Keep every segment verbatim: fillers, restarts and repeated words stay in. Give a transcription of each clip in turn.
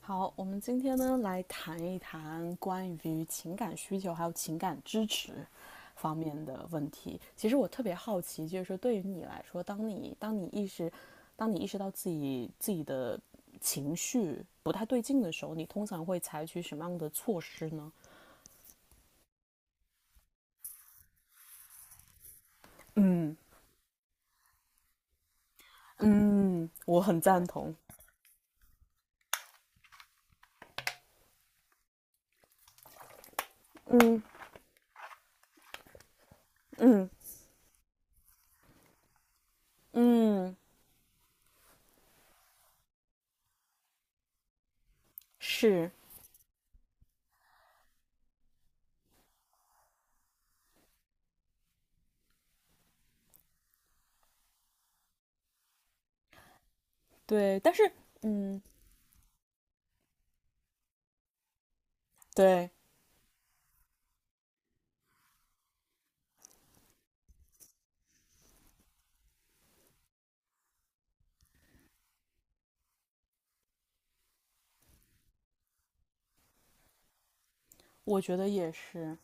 好，我们今天呢来谈一谈关于情感需求还有情感支持方面的问题。其实我特别好奇，就是说对于你来说，当你当你意识当你意识到自己自己的情绪不太对劲的时候，你通常会采取什么样的措施呢？嗯嗯，我很赞同。嗯嗯，是。对，但是嗯，对，我觉得也是。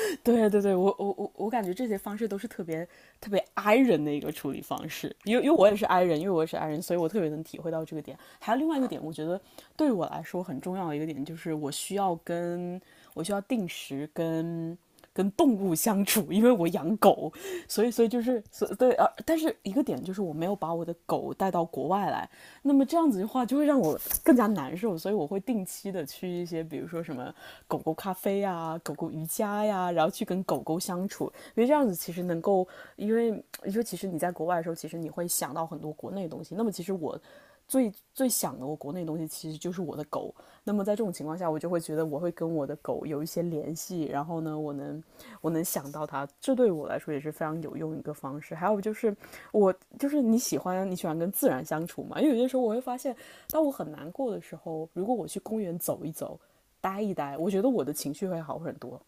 对对对，我我我我感觉这些方式都是特别特别 i 人的一个处理方式，因为因为我也是 i 人，因为我也是 i 人，所以我特别能体会到这个点。还有另外一个点，我觉得对我来说很重要的一个点就是我需要跟我需要定时跟跟动物相处，因为我养狗，所以所以就是所对啊，但是一个点就是我没有把我的狗带到国外来，那么这样子的话就会让我更加难受，所以我会定期的去一些，比如说什么狗狗咖啡呀、狗狗瑜伽呀、啊然后去跟狗狗相处，因为这样子其实能够，因为你说其实你在国外的时候，其实你会想到很多国内的东西，那么其实我。最最想的我国内的东西，其实就是我的狗，那么在这种情况下，我就会觉得我会跟我的狗有一些联系，然后呢，我能我能想到它，这对我来说也是非常有用一个方式。还有就是我就是你喜欢你喜欢跟自然相处嘛，因为有些时候我会发现，当我很难过的时候，如果我去公园走一走，待一待，我觉得我的情绪会好很多。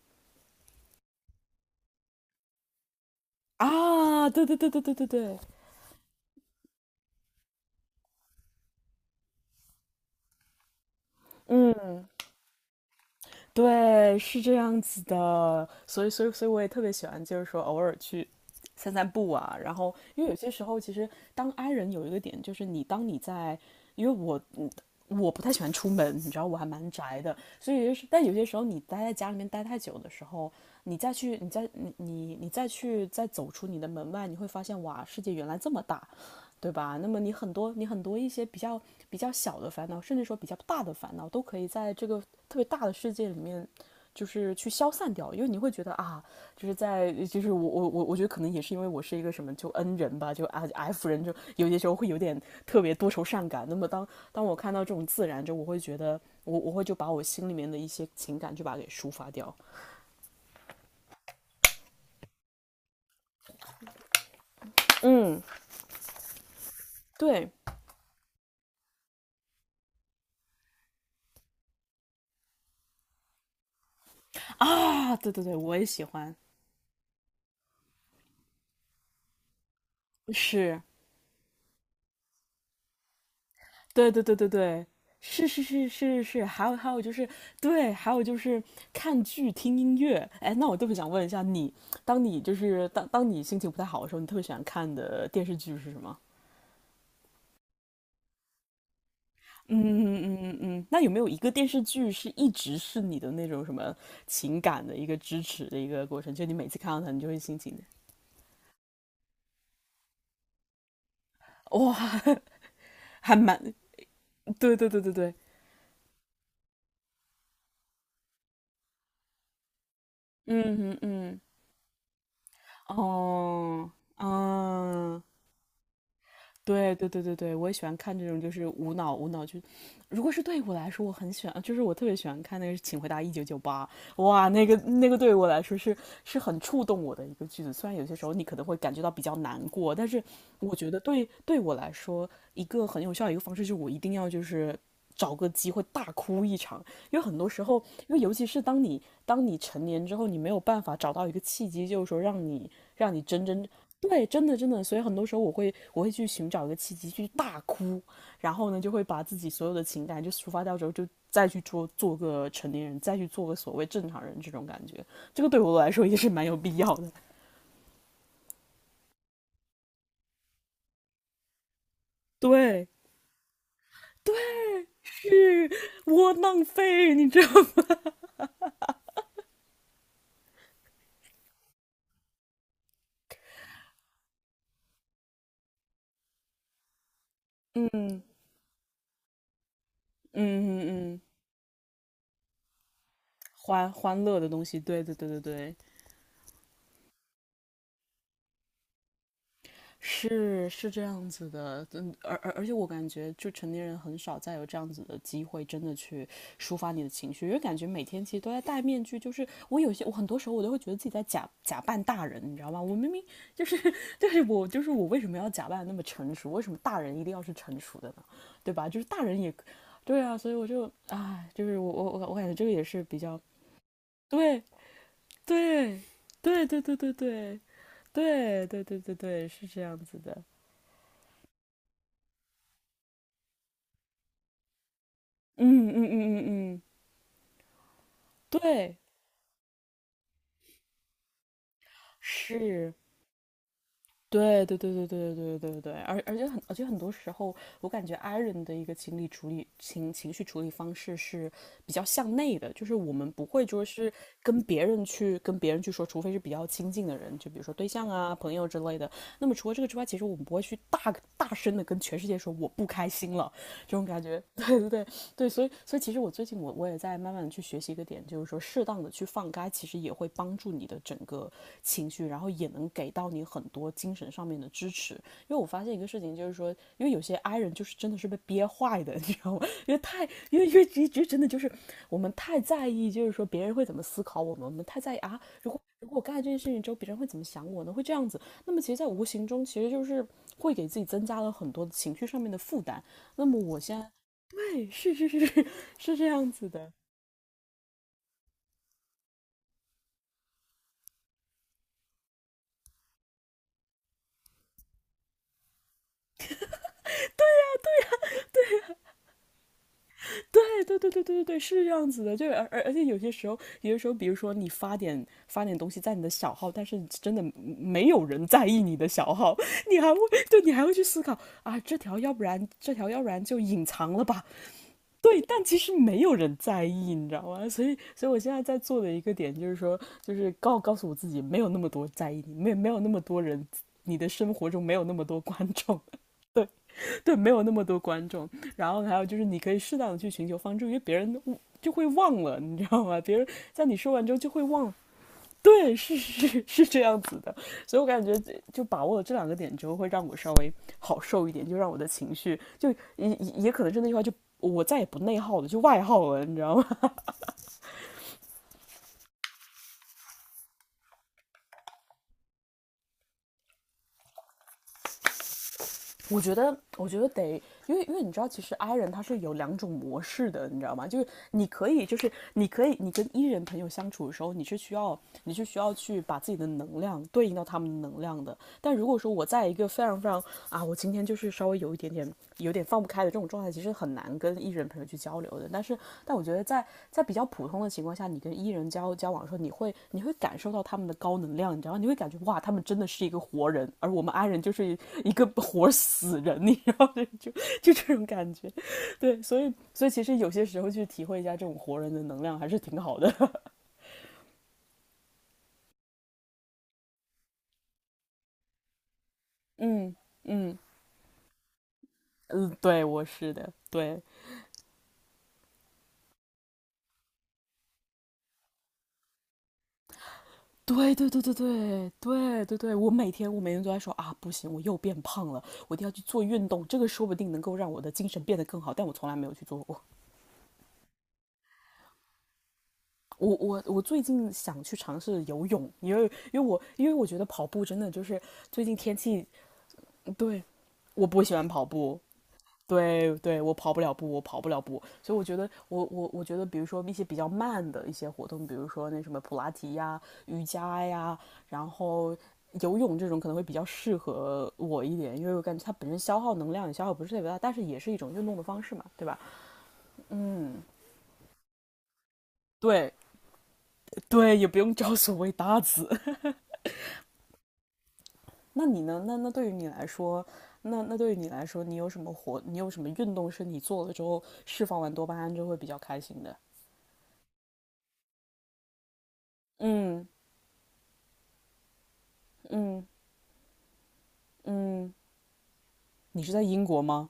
啊，对对对对对对对，嗯。对，是这样子的，所以，所以，所以我也特别喜欢，就是说偶尔去散散步啊。然后，因为有些时候，其实当 I 人有一个点，就是你当你在，因为我嗯我不太喜欢出门，你知道我还蛮宅的，所以就是，但有些时候你待在家里面待太久的时候，你再去，你再你你你再去再走出你的门外，你会发现哇，世界原来这么大。对吧？那么你很多你很多一些比较比较小的烦恼，甚至说比较大的烦恼，都可以在这个特别大的世界里面，就是去消散掉。因为你会觉得啊，就是在就是我我我我觉得可能也是因为我是一个什么就 N 人吧，就 F F 人，就有些时候会有点特别多愁善感。那么当当我看到这种自然，就我会觉得我我会就把我心里面的一些情感就把它给抒发掉。嗯，对啊，对对对，我也喜欢，是。对对对对对，是是是是是，还有还有就是对，还有就是看剧听音乐。哎，那我特别想问一下你，当你就是当当你心情不太好的时候，你特别喜欢看的电视剧是什么？嗯嗯嗯嗯，那有没有一个电视剧是一直是你的那种什么情感的一个支持的一个过程？就你每次看到它，你就会心情哇。还蛮。对对对对对，嗯嗯嗯，哦，嗯，对对对对对，我也喜欢看这种就是无脑无脑就。如果是对我来说，我很喜欢，就是我特别喜欢看那个是《请回答一九九八》，哇，那个那个对我来说是是很触动我的一个句子。虽然有些时候你可能会感觉到比较难过，但是我觉得对对我来说，一个很有效的一个方式就是我一定要就是找个机会大哭一场，因为很多时候，因为尤其是当你当你成年之后，你没有办法找到一个契机，就是说让你让你真真。对，真的真的，所以很多时候我会我会去寻找一个契机去大哭，然后呢就会把自己所有的情感就抒发掉之后，就再去做做个成年人，再去做个所谓正常人这种感觉，这个对我来说也是蛮有必要的。对，去窝囊废，你知道吗？嗯嗯嗯嗯，欢欢乐的东西，对对对对对。是是这样子的，嗯，而而而且我感觉，就成年人很少再有这样子的机会，真的去抒发你的情绪，因为感觉每天其实都在戴面具，就是我有些，我很多时候我都会觉得自己在假假扮大人，你知道吗？我明明就是就是我就是我为什么要假扮那么成熟？为什么大人一定要是成熟的呢？对吧？就是大人也，对啊，所以我就唉，就是我我我我感觉这个也是比较。对对对对对对对对对对对对，是这样子的。嗯嗯嗯嗯嗯，对，是，对对对对对对对对对，而而且很，而且很多时候，我感觉 i 人的一个情理处理情情绪处理方式是比较向内的，就是我们不会说是跟别人去跟别人去说，除非是比较亲近的人，就比如说对象啊、朋友之类的。那么除了这个之外，其实我们不会去大大声的跟全世界说我不开心了，这种感觉。对对对，所以所以其实我最近我我也在慢慢的去学习一个点，就是说适当的去放开，其实也会帮助你的整个情绪，然后也能给到你很多精神上面的支持。因为我发现一个事情，就是说，因为有些爱人就是真的是被憋坏的，你知道吗？因为太因为因为其实真的就是我们太在意，就是说别人会怎么思考我们，我们太在意啊，如果我干了这件事情之后，别人会怎么想我呢？会这样子，那么其实，在无形中其实就是会给自己增加了很多情绪上面的负担。那么我现在。对，是是是是是这样子的，对对对对对对对，是这样子的，就而而而且有些时候，有些时候，比如说你发点发点东西在你的小号，但是真的没有人在意你的小号，你还会。对，你还会去思考啊，这条要不然这条要不然就隐藏了吧，对，但其实没有人在意，你知道吗？所以所以我现在在做的一个点就是说，就是告告诉我自己，没有那么多在意你，没有没有那么多人。你的生活中没有那么多观众。对，对，没有那么多观众。然后还有就是，你可以适当的去寻求帮助，因为别人就会忘了，你知道吗？别人在你说完之后就会忘了。对，是是是这样子的。所以我感觉就把握了这两个点之后，会让我稍微好受一点，就让我的情绪就也也也可能是那句话，就我再也不内耗了，就外耗了，你知道吗？我觉得，我觉得得，因为因为你知道，其实 I 人他是有两种模式的，你知道吗？就是你可以，就是你可以，你跟 E 人朋友相处的时候，你是需要，你是需要去把自己的能量对应到他们的能量的。但如果说我在一个非常非常啊，我今天就是稍微有一点点有点放不开的这种状态，其实很难跟艺人朋友去交流的。但是，但我觉得在在比较普通的情况下，你跟艺人交交往的时候，你会你会感受到他们的高能量，你知道吗？你会感觉哇，他们真的是一个活人，而我们 i 人就是一个活死人，你知道吗？就就这种感觉。对，所以所以其实有些时候去体会一下这种活人的能量还是挺好的。嗯嗯嗯，对，我是的，对。对对对对对对对对，我每天我每天都在说啊，不行，我又变胖了，我一定要去做运动，这个说不定能够让我的精神变得更好，但我从来没有去做过。我我我最近想去尝试游泳，因为因为我因为我觉得跑步真的就是最近天气，对，我不喜欢跑步，对对，我跑不了步，我跑不了步，所以我觉得，我我我觉得，比如说一些比较慢的一些活动，比如说那什么普拉提呀、瑜伽呀，然后游泳这种可能会比较适合我一点，因为我感觉它本身消耗能量也消耗不是特别大，但是也是一种运动的方式嘛，对吧？嗯，对对，也不用找所谓搭子。那你呢？那那对于你来说，那那对于你来说，你有什么活？你有什么运动是你做了之后释放完多巴胺就会比较开心的？嗯嗯。嗯，你是在英国吗？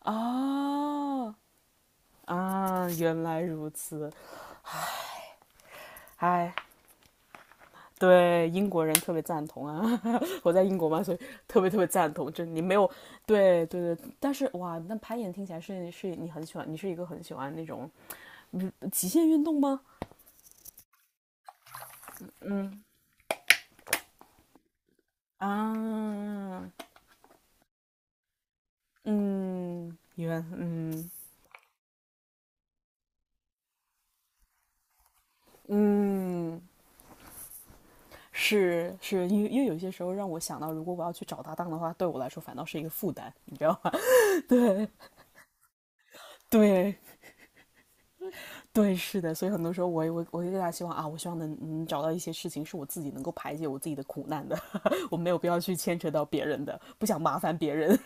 啊啊，原来如此。哎，对，英国人特别赞同啊，我在英国嘛，所以特别特别赞同。就你没有，对对对，但是哇，那攀岩听起来是是你很喜欢，你是一个很喜欢那种，嗯，极限运动吗？嗯啊，嗯，原嗯嗯。是是，因为因为有些时候让我想到，如果我要去找搭档的话，对我来说反倒是一个负担，你知道吗？对对对，是的，所以很多时候我我我就更加希望啊，我希望能能找到一些事情是我自己能够排解我自己的苦难的，我没有必要去牵扯到别人的，不想麻烦别人，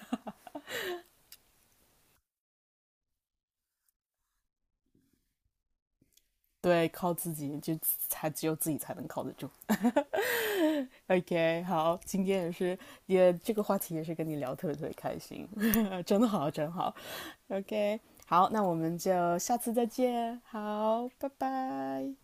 对，靠自己就才只有自己才能靠得住。OK，好，今天也是也这个话题也是跟你聊特别特别开心，呃，真好真好。OK，好，那我们就下次再见，好，拜拜。